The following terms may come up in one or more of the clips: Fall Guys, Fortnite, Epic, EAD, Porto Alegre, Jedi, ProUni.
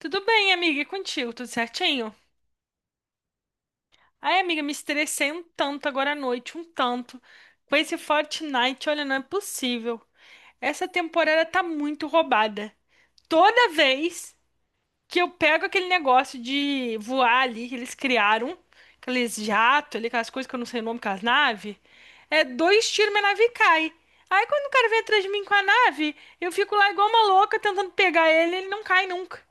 Tudo bem, amiga, e contigo? Tudo certinho? Ai, amiga, me estressei um tanto agora à noite, um tanto. Com esse Fortnite, olha, não é possível. Essa temporada tá muito roubada. Toda vez que eu pego aquele negócio de voar ali que eles criaram, aqueles jatos ali, aquelas coisas que eu não sei o nome, aquelas naves, é dois tiros, minha nave cai. Aí quando o cara vem atrás de mim com a nave, eu fico lá igual uma louca tentando pegar ele, ele não cai nunca.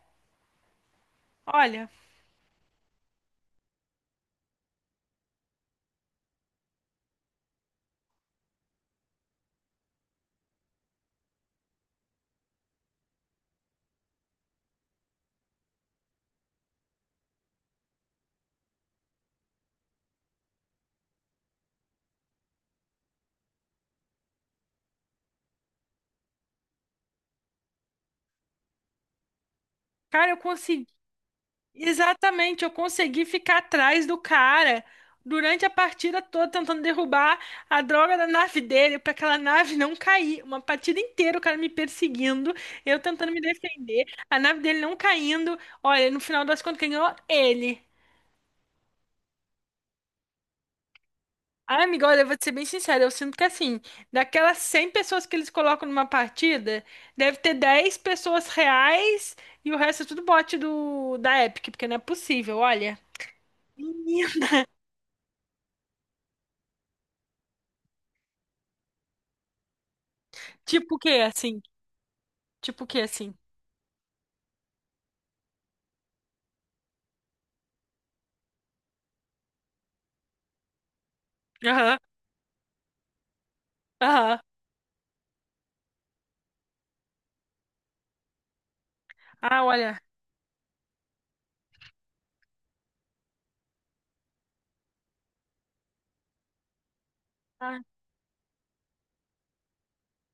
Olha, cara, eu consegui. Exatamente, eu consegui ficar atrás do cara durante a partida toda tentando derrubar a droga da nave dele para aquela nave não cair. Uma partida inteira o cara me perseguindo, eu tentando me defender, a nave dele não caindo. Olha, no final das contas, quem ganhou? Ele. Ah, amiga, olha, eu vou te ser bem sincera, eu sinto que assim, daquelas 100 pessoas que eles colocam numa partida, deve ter 10 pessoas reais e o resto é tudo bot do da Epic, porque não é possível, olha. Menino. Tipo o quê, assim? Tipo o quê, assim? Aham, aham. Ah, olha. Ah,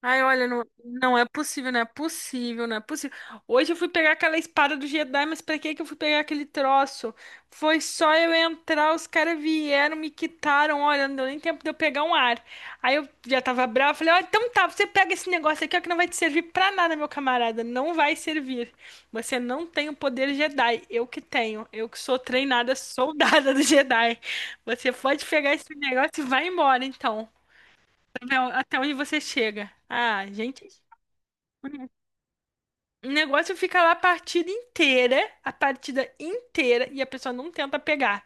ai, olha, não, não é possível, não é possível, não é possível. Hoje eu fui pegar aquela espada do Jedi, mas pra que que eu fui pegar aquele troço? Foi só eu entrar, os caras vieram, me quitaram, olha, não deu nem tempo de eu pegar um ar. Aí eu já tava brava, falei, ó, então tá, você pega esse negócio aqui, ó, que não vai te servir pra nada, meu camarada, não vai servir. Você não tem o poder Jedi, eu que tenho, eu que sou treinada soldada do Jedi. Você pode pegar esse negócio e vai embora, então. Não, até onde você chega. Ah, gente. O negócio fica lá a partida inteira, e a pessoa não tenta pegar.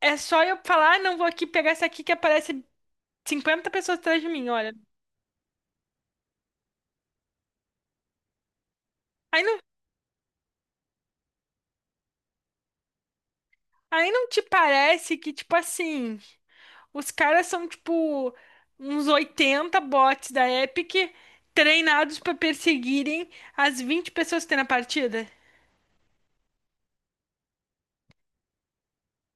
É só eu falar, ah, não vou aqui pegar essa aqui que aparece 50 pessoas atrás de mim, olha. Aí não, aí não te parece que, tipo assim, os caras são, tipo, uns 80 bots da Epic treinados pra perseguirem as 20 pessoas que tem na partida?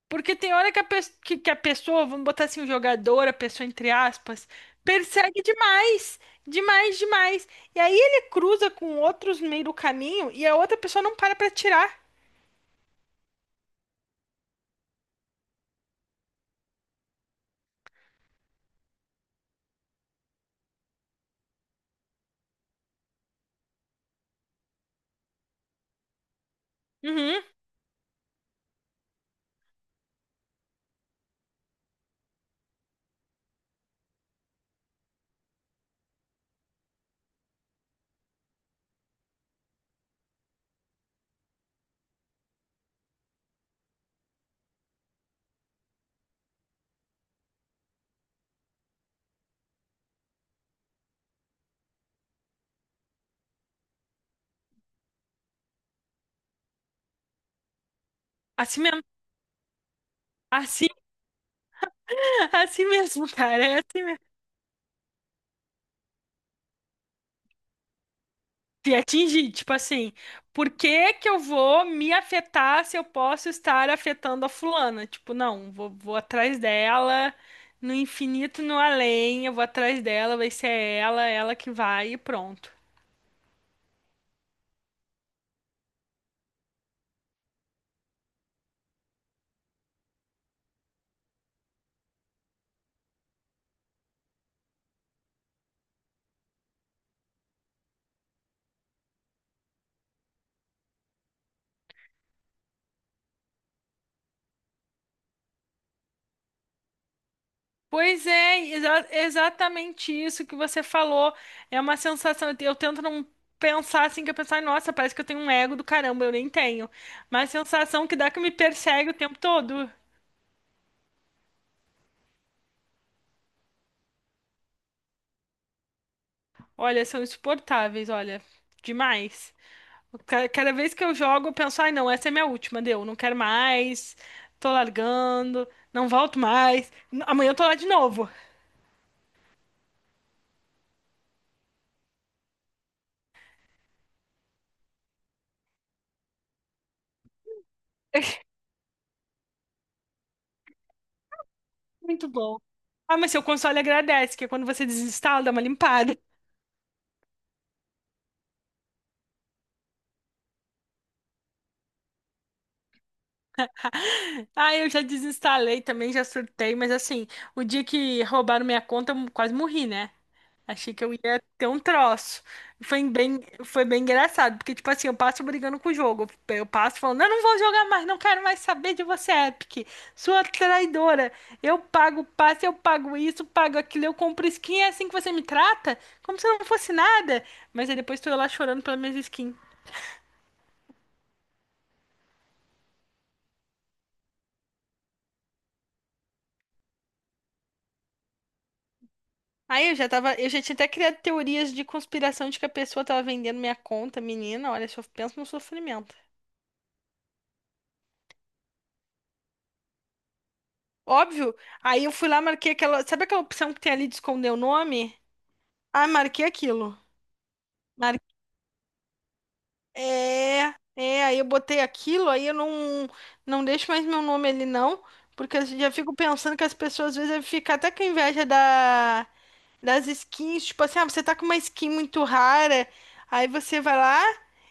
Porque tem hora que a pessoa, vamos botar assim, o jogador, a pessoa entre aspas, persegue demais, demais, demais. E aí ele cruza com outros no meio do caminho e a outra pessoa não para pra tirar. Uhum. Assim mesmo. Assim, assim mesmo, cara. É assim mesmo. Te atingir, tipo assim, por que que eu vou me afetar se eu posso estar afetando a fulana? Tipo, não, vou atrás dela, no infinito, no além, eu vou atrás dela, vai ser ela, ela que vai e pronto. Pois é, exatamente isso que você falou. É uma sensação, eu tento não pensar assim, que eu pensar, nossa, parece que eu tenho um ego do caramba, eu nem tenho. Mas a sensação que dá que me persegue o tempo todo. Olha, são insuportáveis, olha, demais. Cada vez que eu jogo, eu penso, ai, não, essa é minha última, deu, não quero mais, tô largando, não volto mais, amanhã eu tô lá de novo. Muito bom. Ah, mas seu console agradece, que é quando você desinstala, dá uma limpada. Ah, eu já desinstalei também, já surtei, mas assim, o dia que roubaram minha conta, eu quase morri, né? Achei que eu ia ter um troço. Foi bem, foi bem engraçado, porque, tipo assim, eu passo brigando com o jogo. Eu passo falando, eu não vou jogar mais, não quero mais saber de você, Epic. Sua traidora. Eu pago passe, eu pago isso, pago aquilo, eu compro skin, é assim que você me trata? Como se eu não fosse nada. Mas aí depois tô eu lá chorando pelas minhas skins. Aí eu já tinha até criado teorias de conspiração de que a pessoa tava vendendo minha conta, menina. Olha, só pensa no sofrimento. Óbvio. Aí eu fui lá, marquei aquela. Sabe aquela opção que tem ali de esconder o nome? Ah, marquei aquilo. É, é, aí eu botei aquilo, aí eu não, não deixo mais meu nome ali não, porque eu já fico pensando que as pessoas às vezes devem ficar até com inveja da, das skins, tipo assim, ah, você tá com uma skin muito rara, aí você vai lá,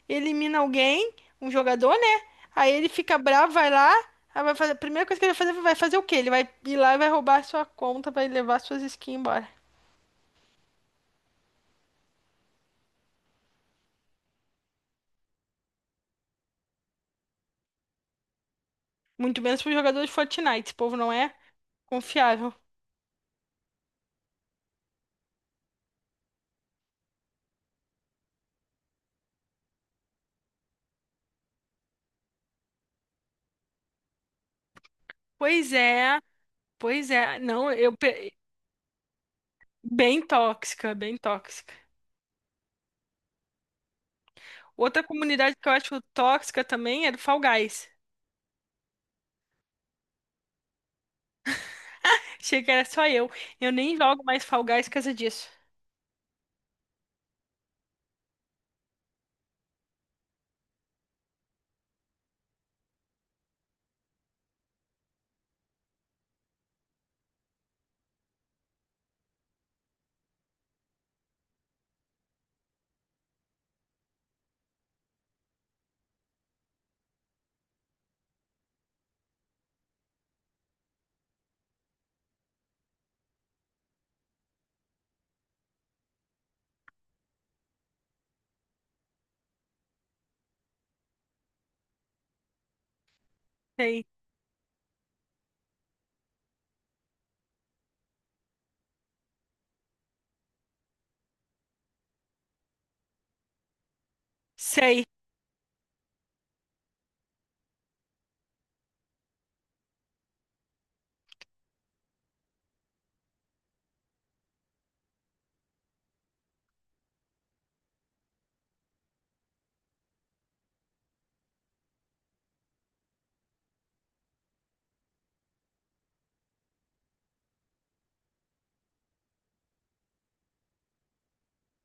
elimina alguém, um jogador, né? Aí ele fica bravo, vai lá, aí vai fazer, a primeira coisa que ele vai fazer o quê? Ele vai ir lá e vai roubar a sua conta, vai levar suas skins embora. Muito menos pro jogador de Fortnite, esse povo não é confiável. Pois é. Pois é, não, bem tóxica, bem tóxica. Outra comunidade que eu acho tóxica também é do Fall Guys. Achei que era só eu. Eu nem jogo mais Fall Guys por causa disso. Sei, sei.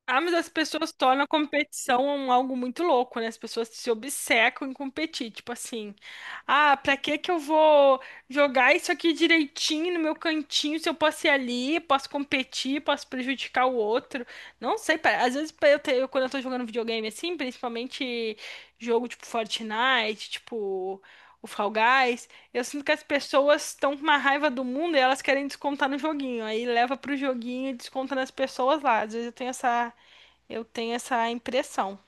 Ah, mas as pessoas tornam a competição algo muito louco, né? As pessoas se obcecam em competir, tipo assim, ah, pra que que eu vou jogar isso aqui direitinho no meu cantinho se eu posso ir ali, posso competir, posso prejudicar o outro? Não sei, às vezes quando eu tô jogando videogame assim, principalmente jogo tipo Fortnite, tipo o Fall Guys, eu sinto que as pessoas estão com uma raiva do mundo e elas querem descontar no joguinho, aí leva pro joguinho e desconta nas pessoas lá. Às vezes eu tenho essa impressão.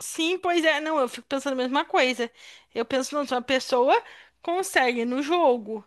Sim, pois é, não, eu fico pensando a mesma coisa. Eu penso, não, se uma pessoa consegue no jogo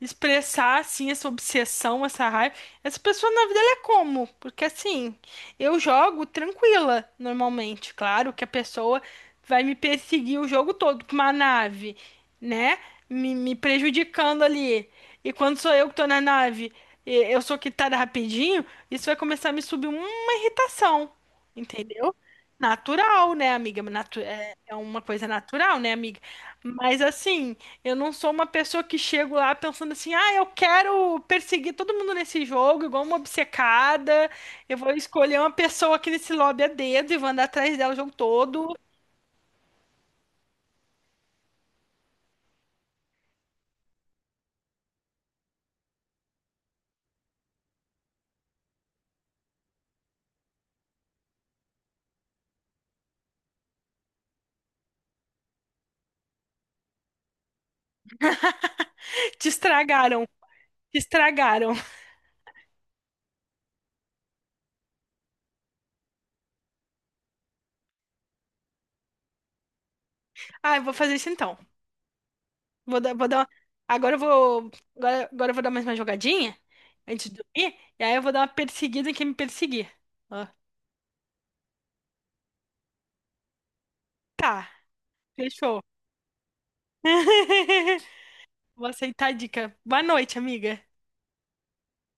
expressar assim essa obsessão, essa raiva, essa pessoa na vida ela é como? Porque assim, eu jogo tranquila normalmente, claro que a pessoa vai me perseguir o jogo todo com uma nave, né? Me prejudicando ali. E quando sou eu que tô na nave, e eu sou quitada rapidinho, isso vai começar a me subir uma irritação, entendeu? Natural, né, amiga? É uma coisa natural, né, amiga? Mas assim, eu não sou uma pessoa que chego lá pensando assim, ah, eu quero perseguir todo mundo nesse jogo, igual uma obcecada. Eu vou escolher uma pessoa aqui nesse lobby a dedo e vou andar atrás dela o jogo todo. Te estragaram, te estragaram. Ah, eu vou fazer isso então. Vou dar uma. Agora eu vou. Agora eu vou dar mais uma jogadinha antes de dormir. E aí eu vou dar uma perseguida em quem me perseguir. Ó. Tá, fechou. Vou aceitar a dica. Boa noite, amiga.